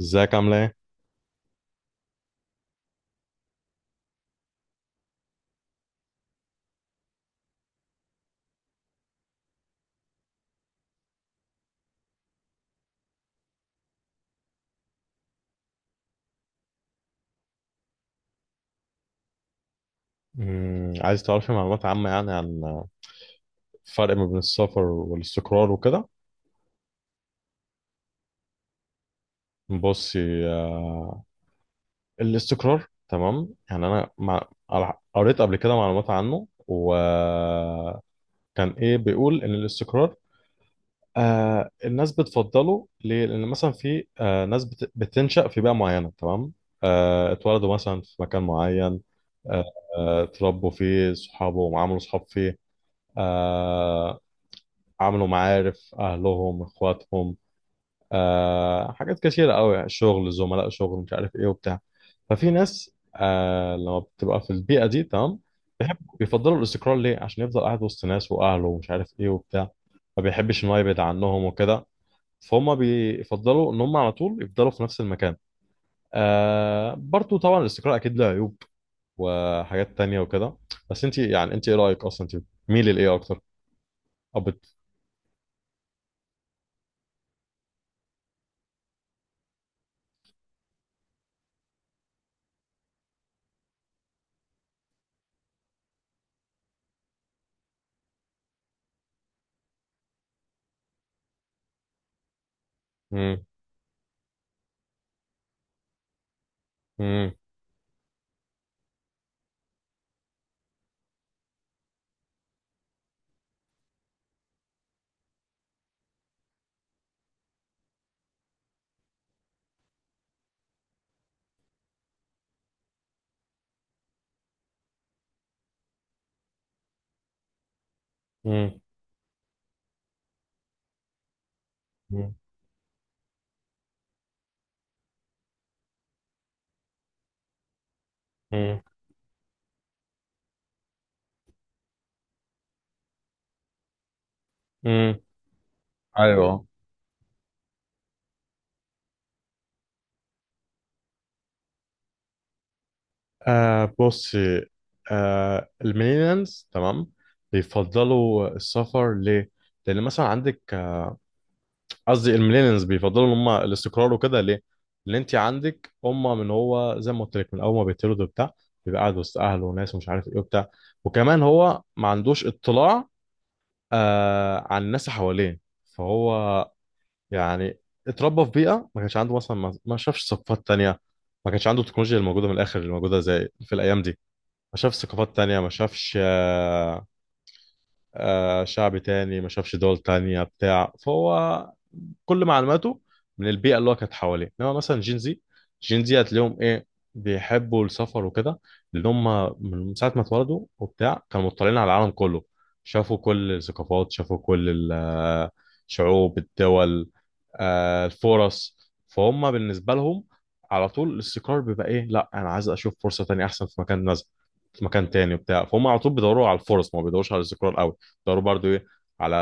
ازيك عاملة ايه؟ عايز تعرفي معلومات عامة يعني عن الفرق ما بين السفر والاستقرار وكده؟ بصي. آه، الاستقرار تمام يعني قريت قبل كده معلومات عنه، وكان ايه بيقول ان الاستقرار الناس بتفضله ليه؟ لان مثلا في ناس بتنشأ في بيئة معينة، تمام؟ اتولدوا مثلا في مكان معين. آه. اتربوا فيه صحابه وعملوا صحاب فيه. آه، عملوا معارف اهلهم اخواتهم، حاجات كتيرة قوي، شغل، زملاء شغل، مش عارف ايه وبتاع. ففي ناس لما بتبقى في البيئة دي تمام، بيفضلوا الاستقرار ليه، عشان يفضل قاعد وسط ناس واهله ومش عارف ايه وبتاع. ما بيحبش ان هو يبعد عنهم وكده، فهم بيفضلوا ان هم على طول يفضلوا في نفس المكان. برضو طبعا الاستقرار اكيد له عيوب وحاجات تانية وكده. بس انت يعني، انت ايه رأيك اصلا، انت ميل لايه اكتر؟ أو بت... مم. مم. مم. مم. مم. ايوه. بص. الميلينيالز تمام بيفضلوا السفر ليه؟ لأن مثلا عندك قصدي الميلينيالز بيفضلوا إن هم الاستقرار وكده ليه؟ لأن أنت عندك، هم من هو زي ما قلت لك من أول ما بيتولد وبتاع بيبقى قاعد وسط أهله وناس ومش عارف إيه وبتاع. وكمان هو ما عندوش اطلاع عن الناس اللي حواليه. فهو يعني اتربى في بيئه ما كانش عنده مثلا، ما شافش ثقافات تانية، ما كانش عنده التكنولوجيا الموجوده من الاخر اللي موجوده زي في الايام دي. ما شافش ثقافات تانية، ما شافش شعب تاني، ما شافش دول تانية بتاع. فهو كل معلوماته من البيئه اللي هو كانت حواليه، انما مثلا جينزي هتلاقيهم ايه بيحبوا السفر وكده، لان هم من ساعه ما اتولدوا وبتاع كانوا مطلعين على العالم كله. شافوا كل الثقافات، شافوا كل الشعوب، الدول، الفرص. فهم بالنسبه لهم على طول الاستقرار بيبقى ايه، لا انا عايز اشوف فرصه تانية احسن في مكان نزل، في مكان تاني وبتاع. فهم على طول بيدوروا على الفرص، ما بيدوروش على الاستقرار قوي. بيدوروا برضو ايه، على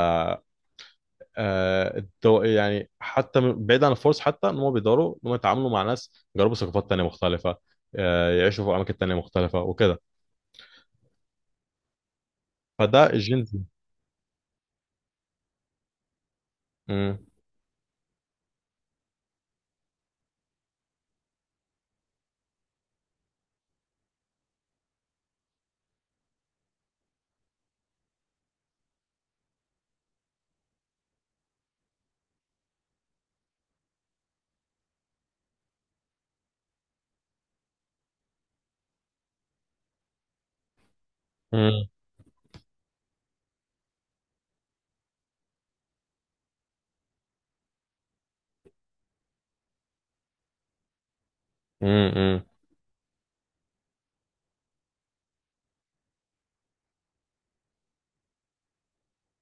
يعني حتى بعيد عن الفرص، حتى ان هم بيقدروا ان هم يتعاملوا مع ناس، يجربوا ثقافات تانية مختلفة، يعيشوا في اماكن تانية مختلفة وكده. فده الجين زي. مم. مم. مم. مم.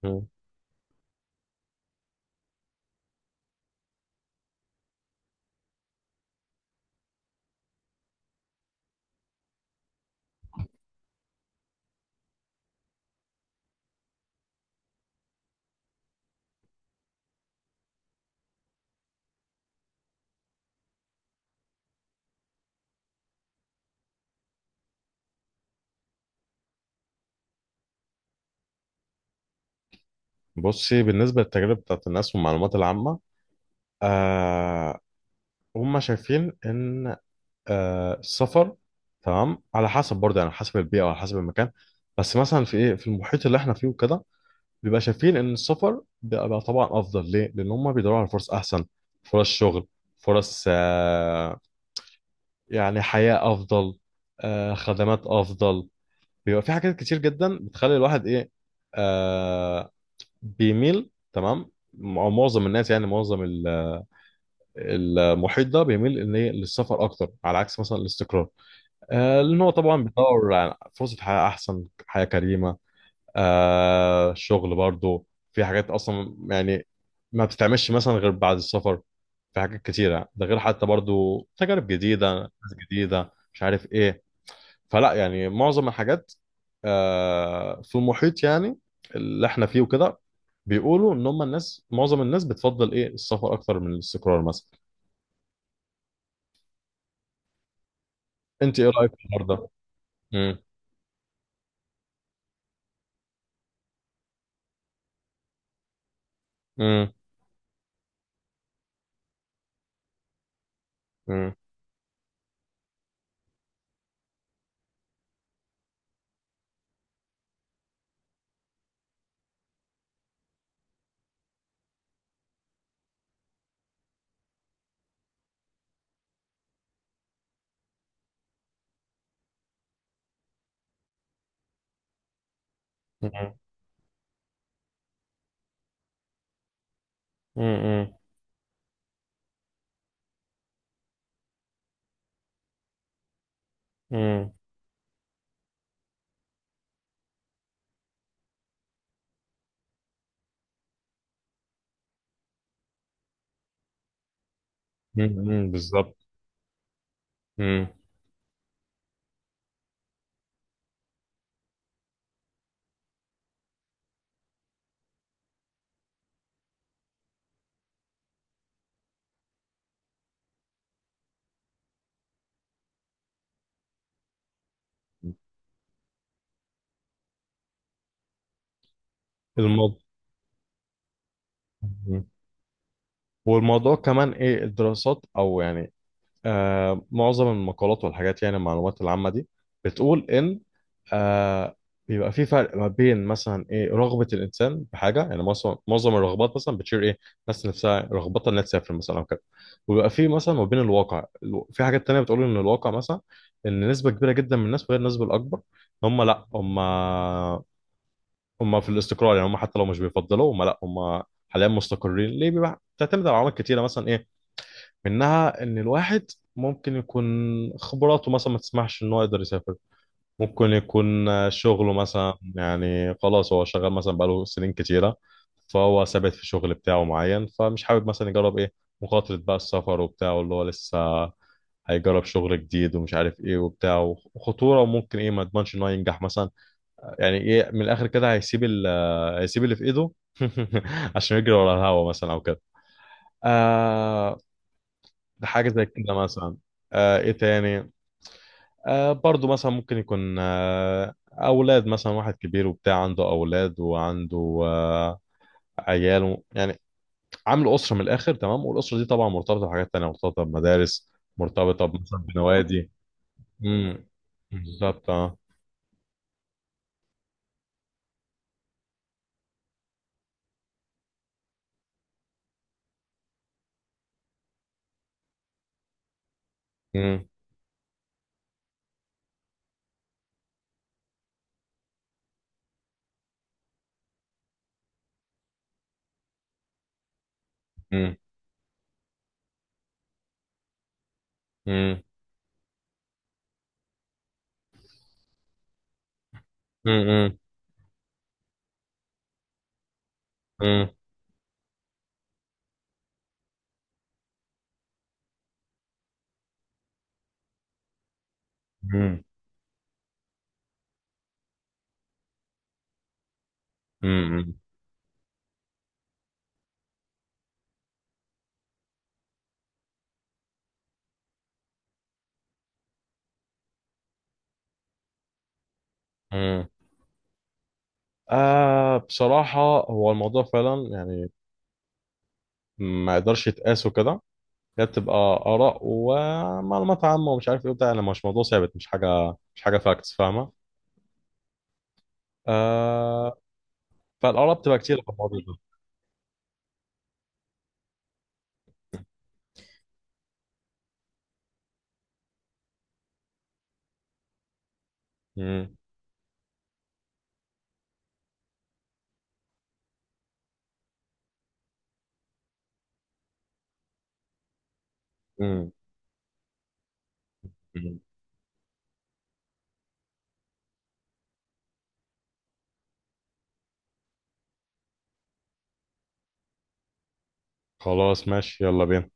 مم. بصي، بالنسبة للتجارب بتاعت الناس والمعلومات العامة، آه هم شايفين ان السفر تمام على حسب برضه، يعني على حسب البيئة وعلى حسب المكان. بس مثلا في ايه، في المحيط اللي احنا فيه وكده، بيبقى شايفين ان السفر بيبقى طبعا افضل ليه، لان هم بيدوروا على فرص احسن، فرص شغل، فرص يعني حياة افضل، خدمات افضل. بيبقى في حاجات كتير جدا بتخلي الواحد ايه، آه، بيميل تمام. معظم الناس يعني، معظم المحيط ده بيميل ان إيه؟ للسفر اكتر، على عكس مثلا الاستقرار. لان هو طبعا بيدور على فرصة حياة احسن، حياة كريمة. الشغل برضو، في حاجات اصلا يعني ما بتتعملش مثلا غير بعد السفر، في حاجات كتيرة، ده غير حتى برضو تجارب جديدة، ناس جديدة، مش عارف ايه. فلا يعني معظم الحاجات في المحيط يعني اللي احنا فيه وكده، بيقولوا ان هم الناس، معظم الناس بتفضل ايه السفر اكتر من الاستقرار مثلا. انت ايه رأيك في الحوار ده؟ مم. مم. مم. مم. مم. مم. مم. مم. بالظبط. مم. الموضوع والموضوع كمان ايه الدراسات او يعني معظم المقالات والحاجات يعني المعلومات العامة دي بتقول ان آه بيبقى في فرق ما بين مثلا ايه رغبة الانسان بحاجة، يعني معظم الرغبات مثلا بتشير ايه، الناس نفسها رغبتها انها تسافر مثلا او كده. وبيبقى في مثلا ما بين الواقع، في حاجات تانية بتقول ان الواقع مثلا ان نسبة كبيرة جدا من الناس، وغير النسبة الاكبر، هم لا، هم في الاستقرار. يعني هم حتى لو مش بيفضلوا، هم لا هم حاليا مستقرين ليه، بيبقى بتعتمد على عوامل كتيره مثلا إيه، منها ان الواحد ممكن يكون خبراته مثلا ما تسمحش ان هو يقدر يسافر. ممكن يكون شغله مثلا يعني، خلاص هو شغال مثلا بقاله سنين كتيرة، فهو ثابت في شغل بتاعه معين، فمش حابب مثلا يجرب ايه، مخاطرة بقى السفر وبتاعه، اللي هو لسه هيجرب شغل جديد ومش عارف ايه وبتاع، وخطورة، وممكن ايه ما يضمنش ان هو ينجح مثلا. يعني ايه من الاخر كده، هيسيب اللي في ايده عشان يجري ورا الهوا مثلا او كده. آه ده حاجة زي كده مثلا. ايه تاني؟ برضو مثلا ممكن يكون اولاد، مثلا واحد كبير وبتاع عنده اولاد، وعنده آه عياله يعني، عامل اسرة من الاخر تمام. والاسرة دي طبعا مرتبطة بحاجات تانية، مرتبطة بمدارس، مرتبطة مثلا بنوادي. امم. بالظبط، اه. امم. امم. امم. امم. امم. امم. امم. امم. بصراحة هو الموضوع فعلا يعني ما يقدرش يتقاسه كده. هي بتبقى آراء ومعلومات عامة ومش عارف إيه وبتاع، يعني مش موضوع ثابت، مش حاجة فاكتس فاهمة؟ آه. فالآراء بتبقى كتير في الموضوع ده. مم. مم. مم. خلاص، ماشي، يلا بينا.